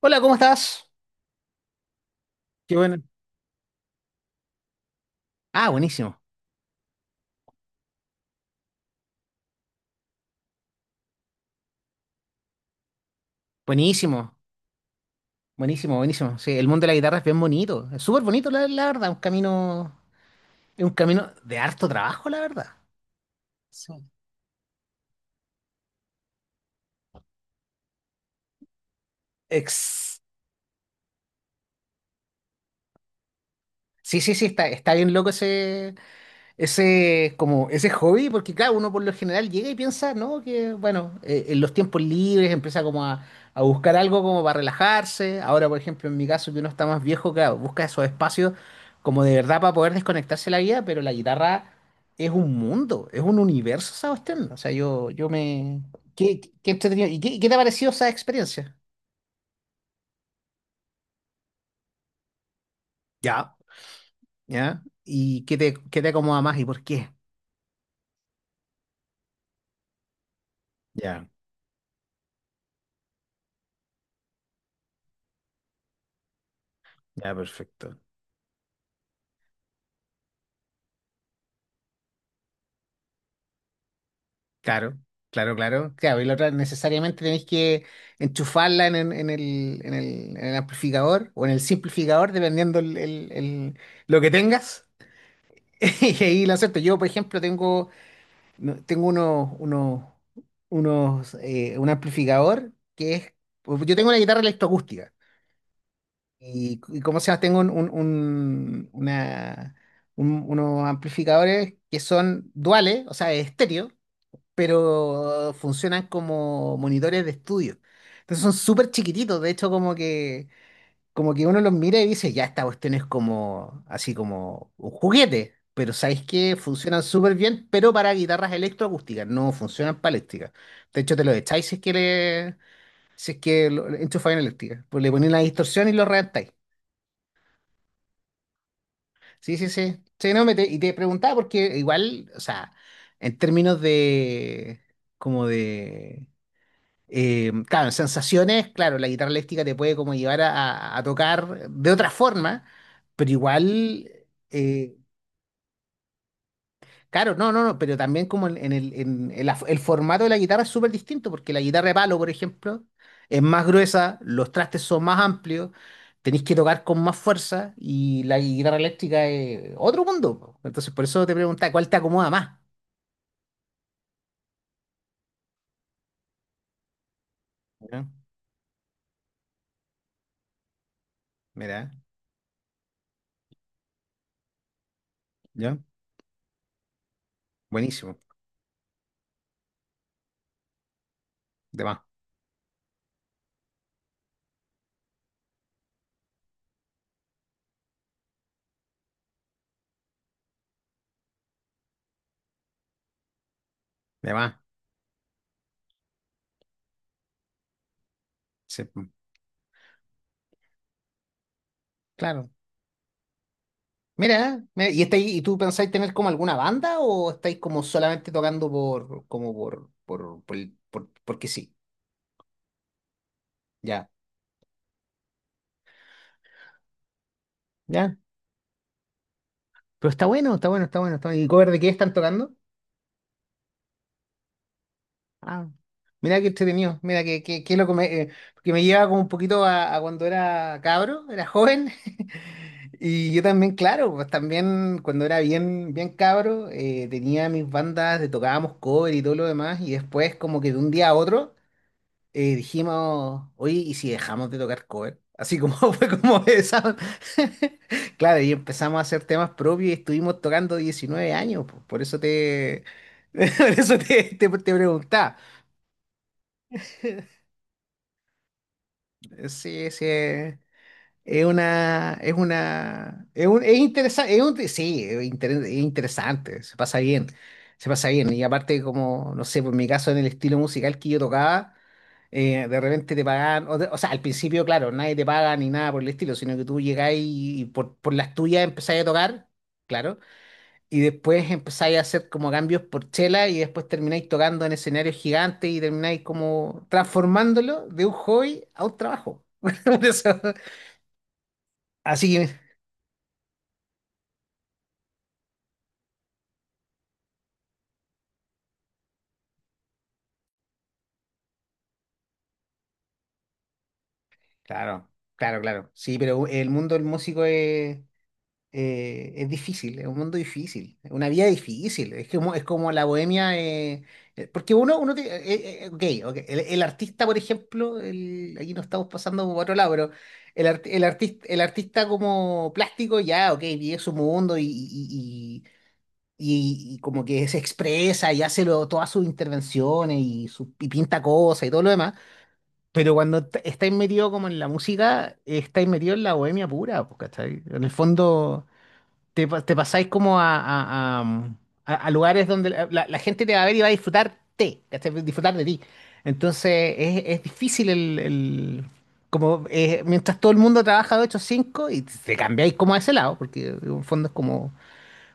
Hola, ¿cómo estás? Qué bueno. Ah, buenísimo. Buenísimo. Buenísimo, buenísimo. Sí, el mundo de la guitarra es bien bonito. Es súper bonito, la verdad. Un camino, es un camino de harto trabajo, la verdad. Sí. Ex- Sí, sí, sí, está bien loco ese. Ese como Ese hobby, porque claro, uno por lo general llega y piensa, ¿no? Que bueno, en los tiempos libres empieza como a buscar algo como para relajarse. Ahora, por ejemplo, en mi caso, que uno está más viejo, claro, busca esos espacios como de verdad para poder desconectarse de la vida, pero la guitarra es un mundo, es un universo esa cuestión. O sea, yo me... ¿Qué entretenido? ¿Y qué te ha parecido esa experiencia? Ya, ¿ya? ¿Y qué qué te acomoda más y por qué? Ya, ya, perfecto. Claro, claro, claro. Claro, y la otra necesariamente tenéis que enchufarla en el amplificador o en el simplificador, dependiendo lo que tengas. Y ahí lo acepto. Yo, por ejemplo, tengo, tengo un amplificador que es. Pues, yo tengo una guitarra electroacústica. Y ¿cómo se llama? Tengo unos amplificadores que son duales, o sea, estéreo, pero funcionan como monitores de estudio. Entonces son súper chiquititos, de hecho como que uno los mira y dice, ya esta cuestión es como, así como un juguete, pero ¿sabéis qué? Funcionan súper bien, pero para guitarras electroacústicas, no funcionan para eléctricas. De hecho te los echáis si es que, le, si es que le enchufáis en eléctrica, pues le ponéis la distorsión y lo reventáis. Sí, sí, sí. Sí, no, y te preguntaba porque igual, o sea, en términos de, como de claro, en sensaciones, claro, la guitarra eléctrica te puede como llevar a, a tocar de otra forma, pero igual, eh, claro, no, no, no, pero también como en el el formato de la guitarra es súper distinto, porque la guitarra de palo, por ejemplo, es más gruesa, los trastes son más amplios, tenéis que tocar con más fuerza y la guitarra eléctrica es otro mundo. Po. Entonces, por eso te preguntaba, ¿cuál te acomoda más? Mira, mira, ¿ya? Buenísimo, de más, de más. Sí, claro. ¿Y estáis, y tú pensáis tener como alguna banda o estáis como solamente tocando por, como por, el- por- porque sí? Ya, ya. Pero está bueno, está bueno, está bueno, está bueno. ¿Y cover de qué están tocando? Ah, mira qué entretenido, mira que es lo que me lleva como un poquito a cuando era cabro, era joven. Y yo también, claro, pues también cuando era bien, bien cabro, tenía mis bandas, tocábamos cover y todo lo demás, y después como que de un día a otro. Dijimos, oye, ¿y si dejamos de tocar cover? Así como fue como esa. Claro, y empezamos a hacer temas propios y estuvimos tocando 19 años, po. Por eso te, por eso te preguntaba. Sí, sí. Es interesante, es un- sí, es, inter- es interesante, se pasa bien, se pasa bien. Y aparte, como, no sé, por mi caso, en el estilo musical que yo tocaba, de repente te pagan, o sea, al principio, claro, nadie te paga ni nada por el estilo, sino que tú llegás y por las tuyas empezáis a tocar, claro, y después empezáis a hacer como cambios por chela y después termináis tocando en escenarios gigantes y termináis como transformándolo de un hobby a un trabajo. Por eso. Así que. Claro, claro, claro. Sí, pero el mundo del músico es difícil, es un mundo difícil, es una vida difícil. Es que como- es como la bohemia. Porque ok, el artista, por ejemplo, el- aquí nos estamos pasando por otro lado, pero el artista como plástico, ya, ok, vive su mundo y como que se expresa y hace todas sus intervenciones y, y pinta cosas y todo lo demás. Pero cuando estáis metido como en la música, estáis metido en la bohemia pura, pues, ¿cachai? En el fondo, te pasáis como a lugares donde la gente te va a ver y va a disfrutarte, ¿cachai? Disfrutar de ti. Entonces, es difícil el- como mientras todo el mundo trabaja de 8 a 5 y te cambiáis como a ese lado, porque en el fondo es como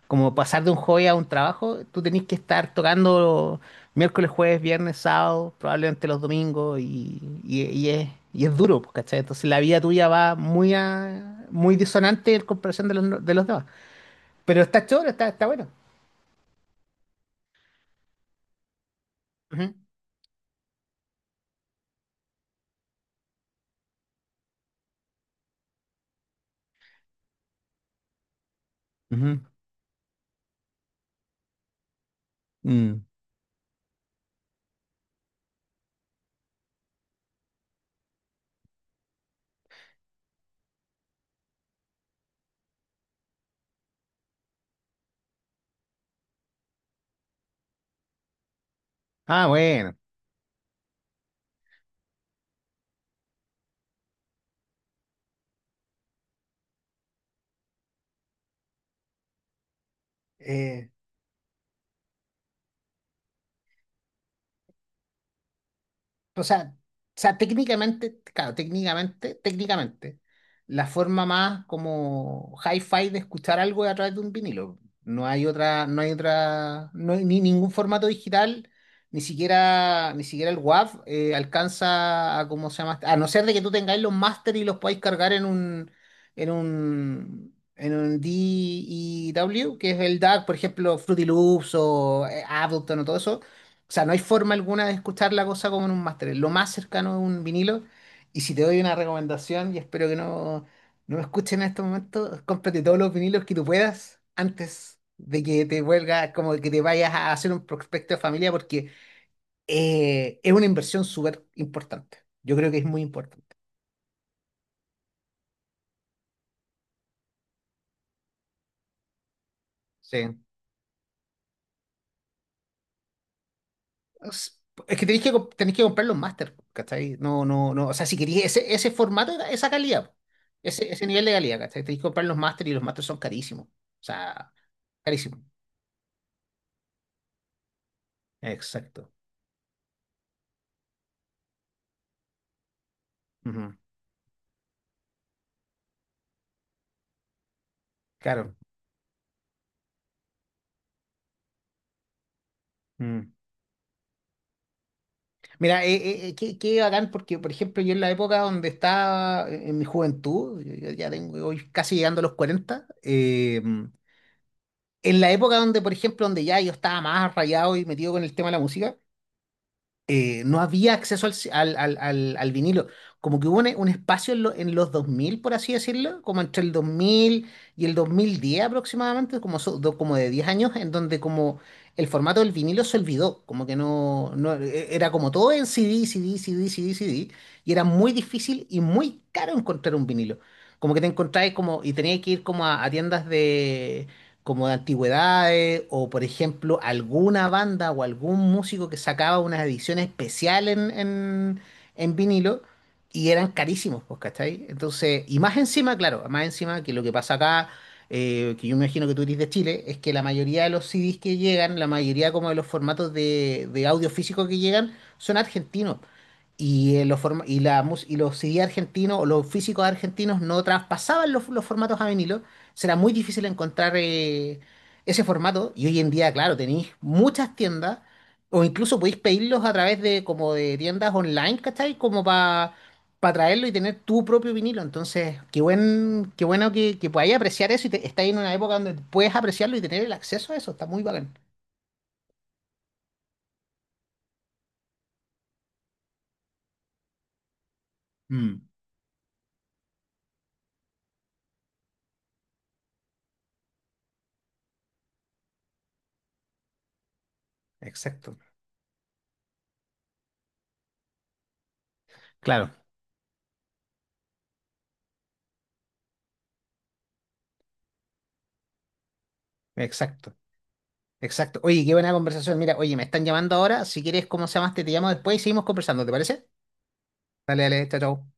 como pasar de un hobby a un trabajo, tú tenés que estar tocando miércoles, jueves, viernes, sábado, probablemente los domingos, y es duro, pues, ¿cachai? Entonces la vida tuya va muy, muy disonante en comparación de los, no, de los demás. Pero está choro, está, está bueno. Ujú, ujú. Mm. Ah, bueno. O sea, o técnicamente, claro, técnicamente, técnicamente, la forma más como hi-fi de escuchar algo es a través de un vinilo. No hay otra, no hay otra, no hay ni ningún formato digital, ni siquiera, ni siquiera el WAV alcanza a cómo se llama, a no ser de que tú tengáis los máster y los podáis cargar en un DAW, que es el DAC, por ejemplo, Fruity Loops o Ableton o todo eso, o sea, no hay forma alguna de escuchar la cosa como en un máster. Es lo más cercano es un vinilo. Y si te doy una recomendación, y espero que no, no me escuchen en estos momentos, cómprate todos los vinilos que tú puedas antes de que te vuelvas, como que te vayas a hacer un prospecto de familia, porque es una inversión súper importante. Yo creo que es muy importante. Sí. Es es que tenéis que, tenéis que comprar los máster, ¿cachai? No, no, no. O sea, si queréis ese, ese formato, esa calidad, ese nivel de calidad, ¿cachai? Tenéis que comprar los máster y los máster son carísimos. O sea, carísimos. Exacto. Ujú. Claro. Mm. Mira, qué, qué bacán, porque, por ejemplo, yo en la época donde estaba, en mi juventud, yo ya tengo, voy casi llegando a los 40, en la época donde, por ejemplo, donde ya yo estaba más rayado y metido con el tema de la música, no había acceso al vinilo. Como que hubo un espacio en, en los 2000 por así decirlo, como entre el 2000 y el 2010 aproximadamente, como, como de 10 años, en donde como el formato del vinilo se olvidó, como que no, no e- era como todo en CD, CD, CD, CD, CD, y era muy difícil y muy caro encontrar un vinilo. Como que te encontráis como, y tenías que ir como a tiendas de como de antigüedades, o por ejemplo, alguna banda o algún músico que sacaba una edición especial en vinilo, y eran carísimos, pues, ¿cachai? Entonces, y más encima, claro, más encima que lo que pasa acá, que yo me imagino que tú eres de Chile, es que la mayoría de los CDs que llegan, la mayoría como de los formatos de audio físico que llegan, son argentinos. Y, los la y los CD argentinos o los físicos argentinos no traspasaban los formatos a vinilo. Será muy difícil encontrar ese formato. Y hoy en día, claro, tenéis muchas tiendas o incluso podéis pedirlos a través de como de tiendas online, ¿cachai? Como para traerlo y tener tu propio vinilo. Entonces, qué buen, qué bueno que podáis apreciar eso y te, estáis en una época donde puedes apreciarlo y tener el acceso a eso. Está muy bacán. Mm, exacto. Claro, exacto. Exacto. Oye, qué buena conversación. Mira, oye, me están llamando ahora. Si quieres, ¿cómo se llamaste? Te llamo después y seguimos conversando, ¿te parece? Dale, dale, chao, chao.